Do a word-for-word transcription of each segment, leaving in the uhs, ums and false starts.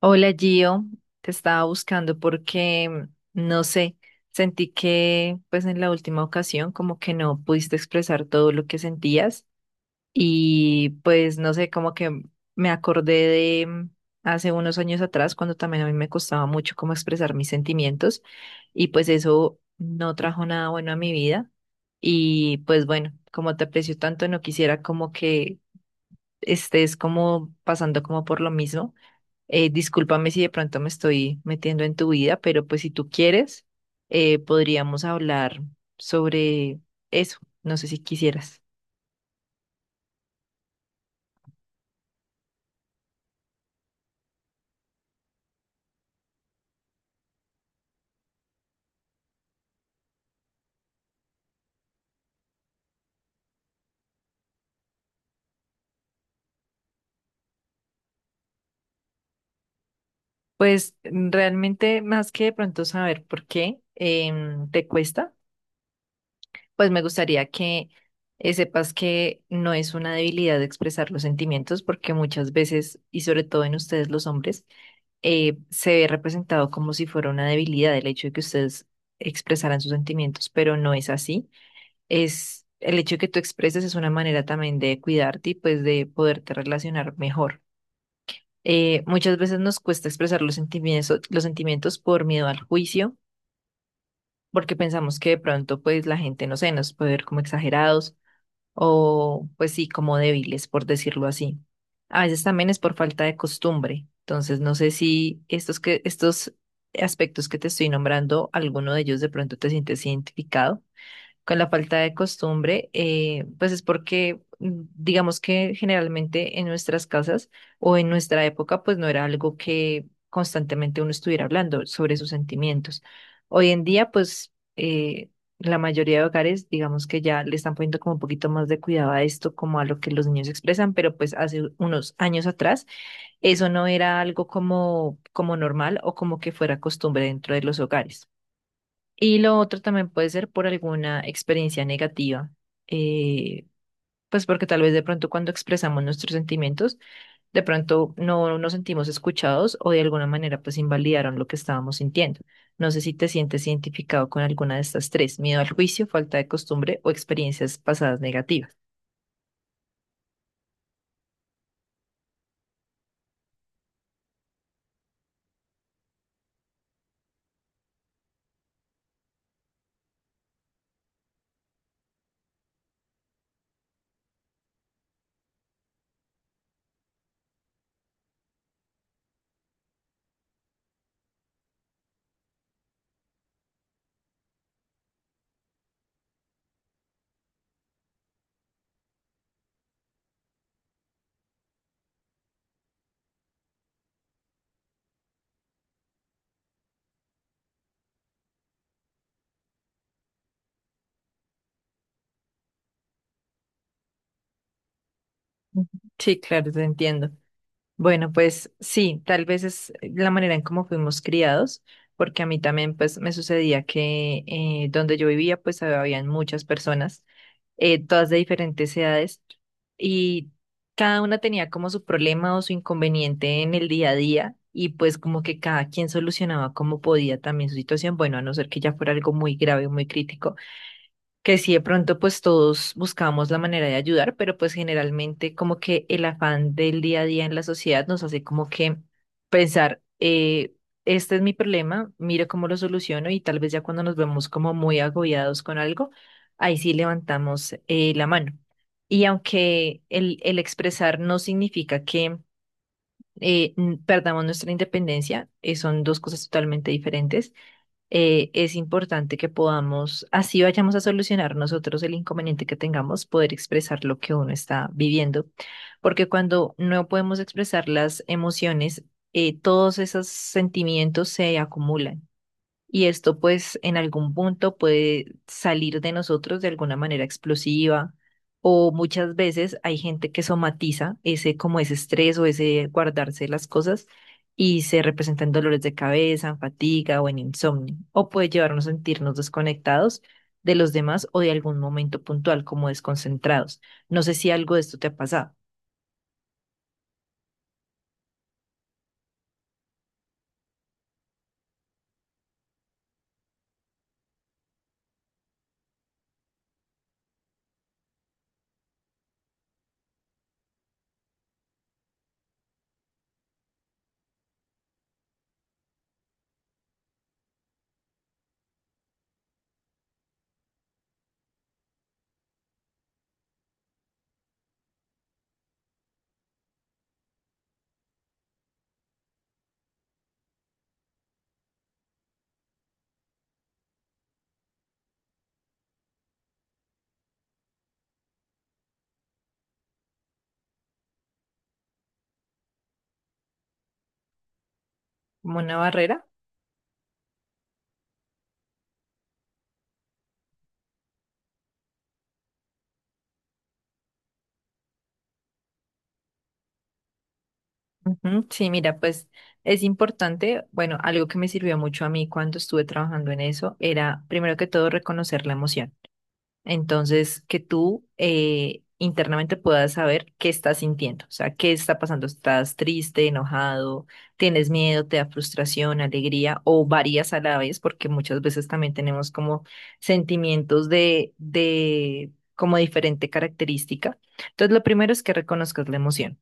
Hola Gio, te estaba buscando porque, no sé, sentí que pues en la última ocasión como que no pudiste expresar todo lo que sentías y pues no sé, como que me acordé de mm, hace unos años atrás cuando también a mí me costaba mucho como expresar mis sentimientos y pues eso no trajo nada bueno a mi vida y pues bueno, como te aprecio tanto, no quisiera como que estés como pasando como por lo mismo. Eh, discúlpame si de pronto me estoy metiendo en tu vida, pero pues si tú quieres, eh, podríamos hablar sobre eso. No sé si quisieras. Pues mm, realmente más que de pronto saber por qué em, te cuesta, pues me gustaría que eh, sepas que no es una debilidad expresar los sentimientos, porque muchas veces, y sobre todo en ustedes los hombres, eh, se ve representado como si fuera una debilidad el hecho de que ustedes expresaran sus sentimientos, pero no es así. Es el hecho de que tú expreses es una manera también de cuidarte y pues de poderte relacionar mejor. Eh, muchas veces nos cuesta expresar los sentimientos, los sentimientos por miedo al juicio, porque pensamos que de pronto pues la gente, no sé, nos puede ver como exagerados o pues sí, como débiles, por decirlo así. A veces también es por falta de costumbre. Entonces, no sé si estos que, estos aspectos que te estoy nombrando, alguno de ellos de pronto te sientes identificado con la falta de costumbre, eh, pues es porque mm, digamos que generalmente en nuestras casas o en nuestra época, pues no era algo que constantemente uno estuviera hablando sobre sus sentimientos. Hoy en día, pues eh, la mayoría de hogares, digamos que ya le están poniendo como un poquito más de cuidado a esto, como a lo que los niños expresan, pero pues hace unos años atrás eso no era algo como, como normal o como que fuera costumbre dentro de los hogares. Y lo otro también puede ser por alguna experiencia negativa, eh, pues porque tal vez de pronto cuando expresamos nuestros sentimientos, de pronto no nos sentimos escuchados o de alguna manera pues invalidaron lo que estábamos sintiendo. No sé si te sientes identificado con alguna de estas tres: miedo al juicio, falta de costumbre o experiencias pasadas negativas. Ujú. Sí, claro, te entiendo. Bueno, pues sí, tal vez es la manera en cómo fuimos criados, porque a mí también pues me sucedía que eh, donde yo vivía pues habían muchas personas, eh, todas de diferentes edades, y cada una tenía como su problema o su inconveniente en el día a día, y pues como que cada quien solucionaba como podía también su situación, bueno, a no ser que ya fuera algo muy grave, muy crítico que sí, de pronto pues todos buscamos la manera de ayudar, pero pues generalmente como que el afán del día a día en la sociedad nos hace como que pensar, eh, este es mi problema, mira cómo lo soluciono y tal vez ya cuando nos vemos como muy agobiados con algo, ahí sí levantamos eh, la mano. Y aunque el, el expresar no significa que eh, n- perdamos nuestra independencia, eh, son dos cosas totalmente diferentes. Eh, es importante que podamos, así vayamos a solucionar nosotros el inconveniente que tengamos, poder expresar lo que uno está viviendo, porque cuando no podemos expresar las emociones, eh, todos esos sentimientos se acumulan. Y esto pues en algún punto puede salir de nosotros de alguna manera explosiva o muchas veces hay gente que somatiza ese como ese estrés o ese guardarse las cosas y se representa en dolores de cabeza, en fatiga o en insomnio o puede llevarnos a sentirnos desconectados de los demás o de algún momento puntual como desconcentrados. No sé si algo de esto te ha pasado, como una barrera. Ujú. Sí, mira, pues es importante, bueno, algo que me sirvió mucho a mí cuando estuve trabajando en eso era, primero que todo, reconocer la emoción. Entonces, que tú eh, internamente puedas saber qué estás sintiendo, o sea, qué está pasando. ¿Estás triste, enojado, tienes miedo, te da frustración, alegría o varias a la vez? Porque muchas veces también tenemos como sentimientos de, de como diferente característica. Entonces, lo primero es que reconozcas la emoción.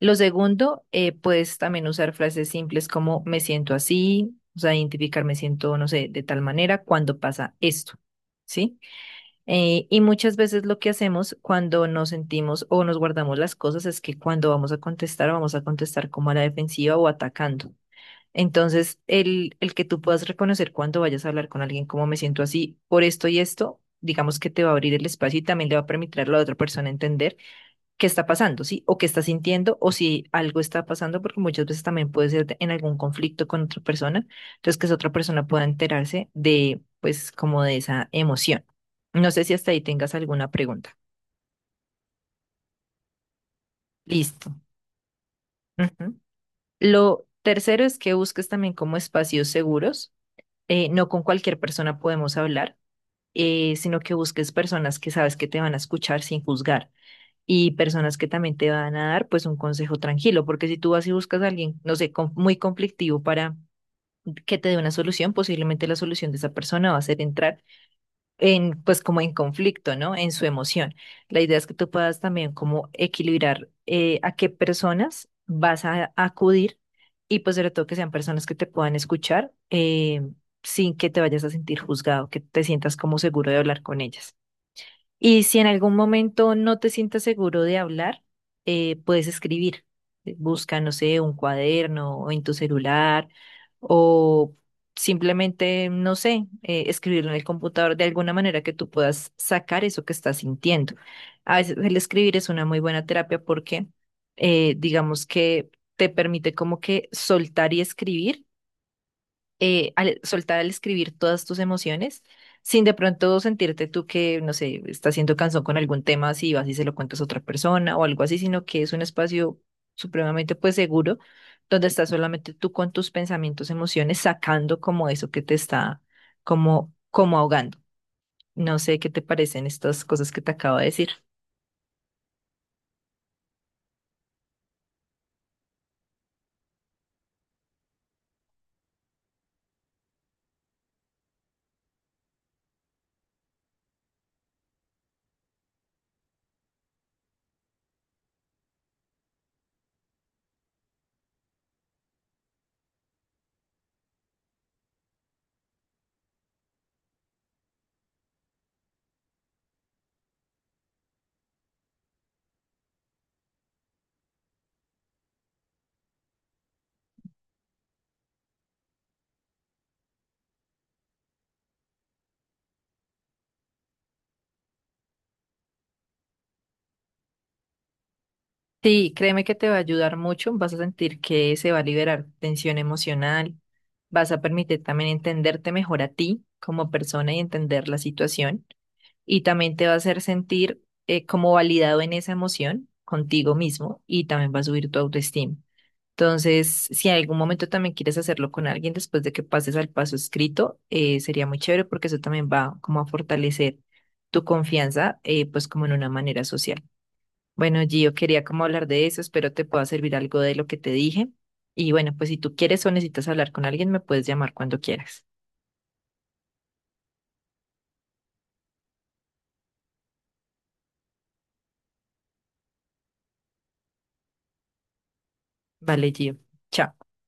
Lo segundo, eh, puedes también usar frases simples como me siento así, o sea, identificar me siento, no sé, de tal manera cuando pasa esto, ¿sí? Eh, y muchas veces lo que hacemos cuando nos sentimos o nos guardamos las cosas es que cuando vamos a contestar, vamos a contestar como a la defensiva o atacando. Entonces, el, el que tú puedas reconocer cuando vayas a hablar con alguien como me siento así por esto y esto, digamos que te va a abrir el espacio y también le va a permitir a la otra persona entender qué está pasando, ¿sí? O qué está sintiendo, o si algo está pasando, porque muchas veces también puede ser de- en algún conflicto con otra persona, entonces que esa otra persona pueda enterarse de, pues, como de esa emoción. No sé si hasta ahí tengas alguna pregunta. Listo. Ujú. Lo tercero es que busques también como espacios seguros. Eh, no con cualquier persona podemos hablar, eh, sino que busques personas que sabes que te van a escuchar sin juzgar. Y personas que también te van a dar pues un consejo tranquilo, porque si tú vas y buscas a alguien, no sé, con- muy conflictivo para que te dé una solución, posiblemente la solución de esa persona va a ser entrar en pues como en conflicto, ¿no? En su emoción. La idea es que tú puedas también como equilibrar eh, a qué personas vas a acudir y pues sobre todo que sean personas que te puedan escuchar eh, sin que te vayas a sentir juzgado, que te sientas como seguro de hablar con ellas. Y si en algún momento no te sientas seguro de hablar, eh, puedes escribir. Eh, Busca, no sé, un cuaderno o en tu celular o simplemente, no sé, eh, escribirlo en el computador de alguna manera que tú puedas sacar eso que estás sintiendo. A veces el escribir es una muy buena terapia porque eh, digamos que te permite como que soltar y escribir eh, al soltar al escribir todas tus emociones, sin de pronto sentirte tú que, no sé, estás siendo cansón con algún tema, si vas y se lo cuentas a otra persona o algo así, sino que es un espacio supremamente pues seguro, donde estás solamente tú con tus pensamientos, emociones, sacando como eso que te está como, como ahogando. No sé qué te parecen estas cosas que te acabo de decir. Sí, créeme que te va a ayudar mucho, vas a sentir que se va a liberar tensión emocional, vas a permitir también entenderte mejor a ti como persona y entender la situación y también te va a hacer sentir eh, como validado en esa emoción contigo mismo y también va a subir tu autoestima. Entonces, si en algún momento también quieres hacerlo con alguien después de que pases al paso escrito, eh, sería muy chévere porque eso también va como a fortalecer tu confianza, eh, pues como en una manera social. Bueno, Gio, quería como hablar de eso, espero te pueda servir algo de lo que te dije. Y bueno, pues si tú quieres o necesitas hablar con alguien, me puedes llamar cuando quieras. Vale, Gio. Chao.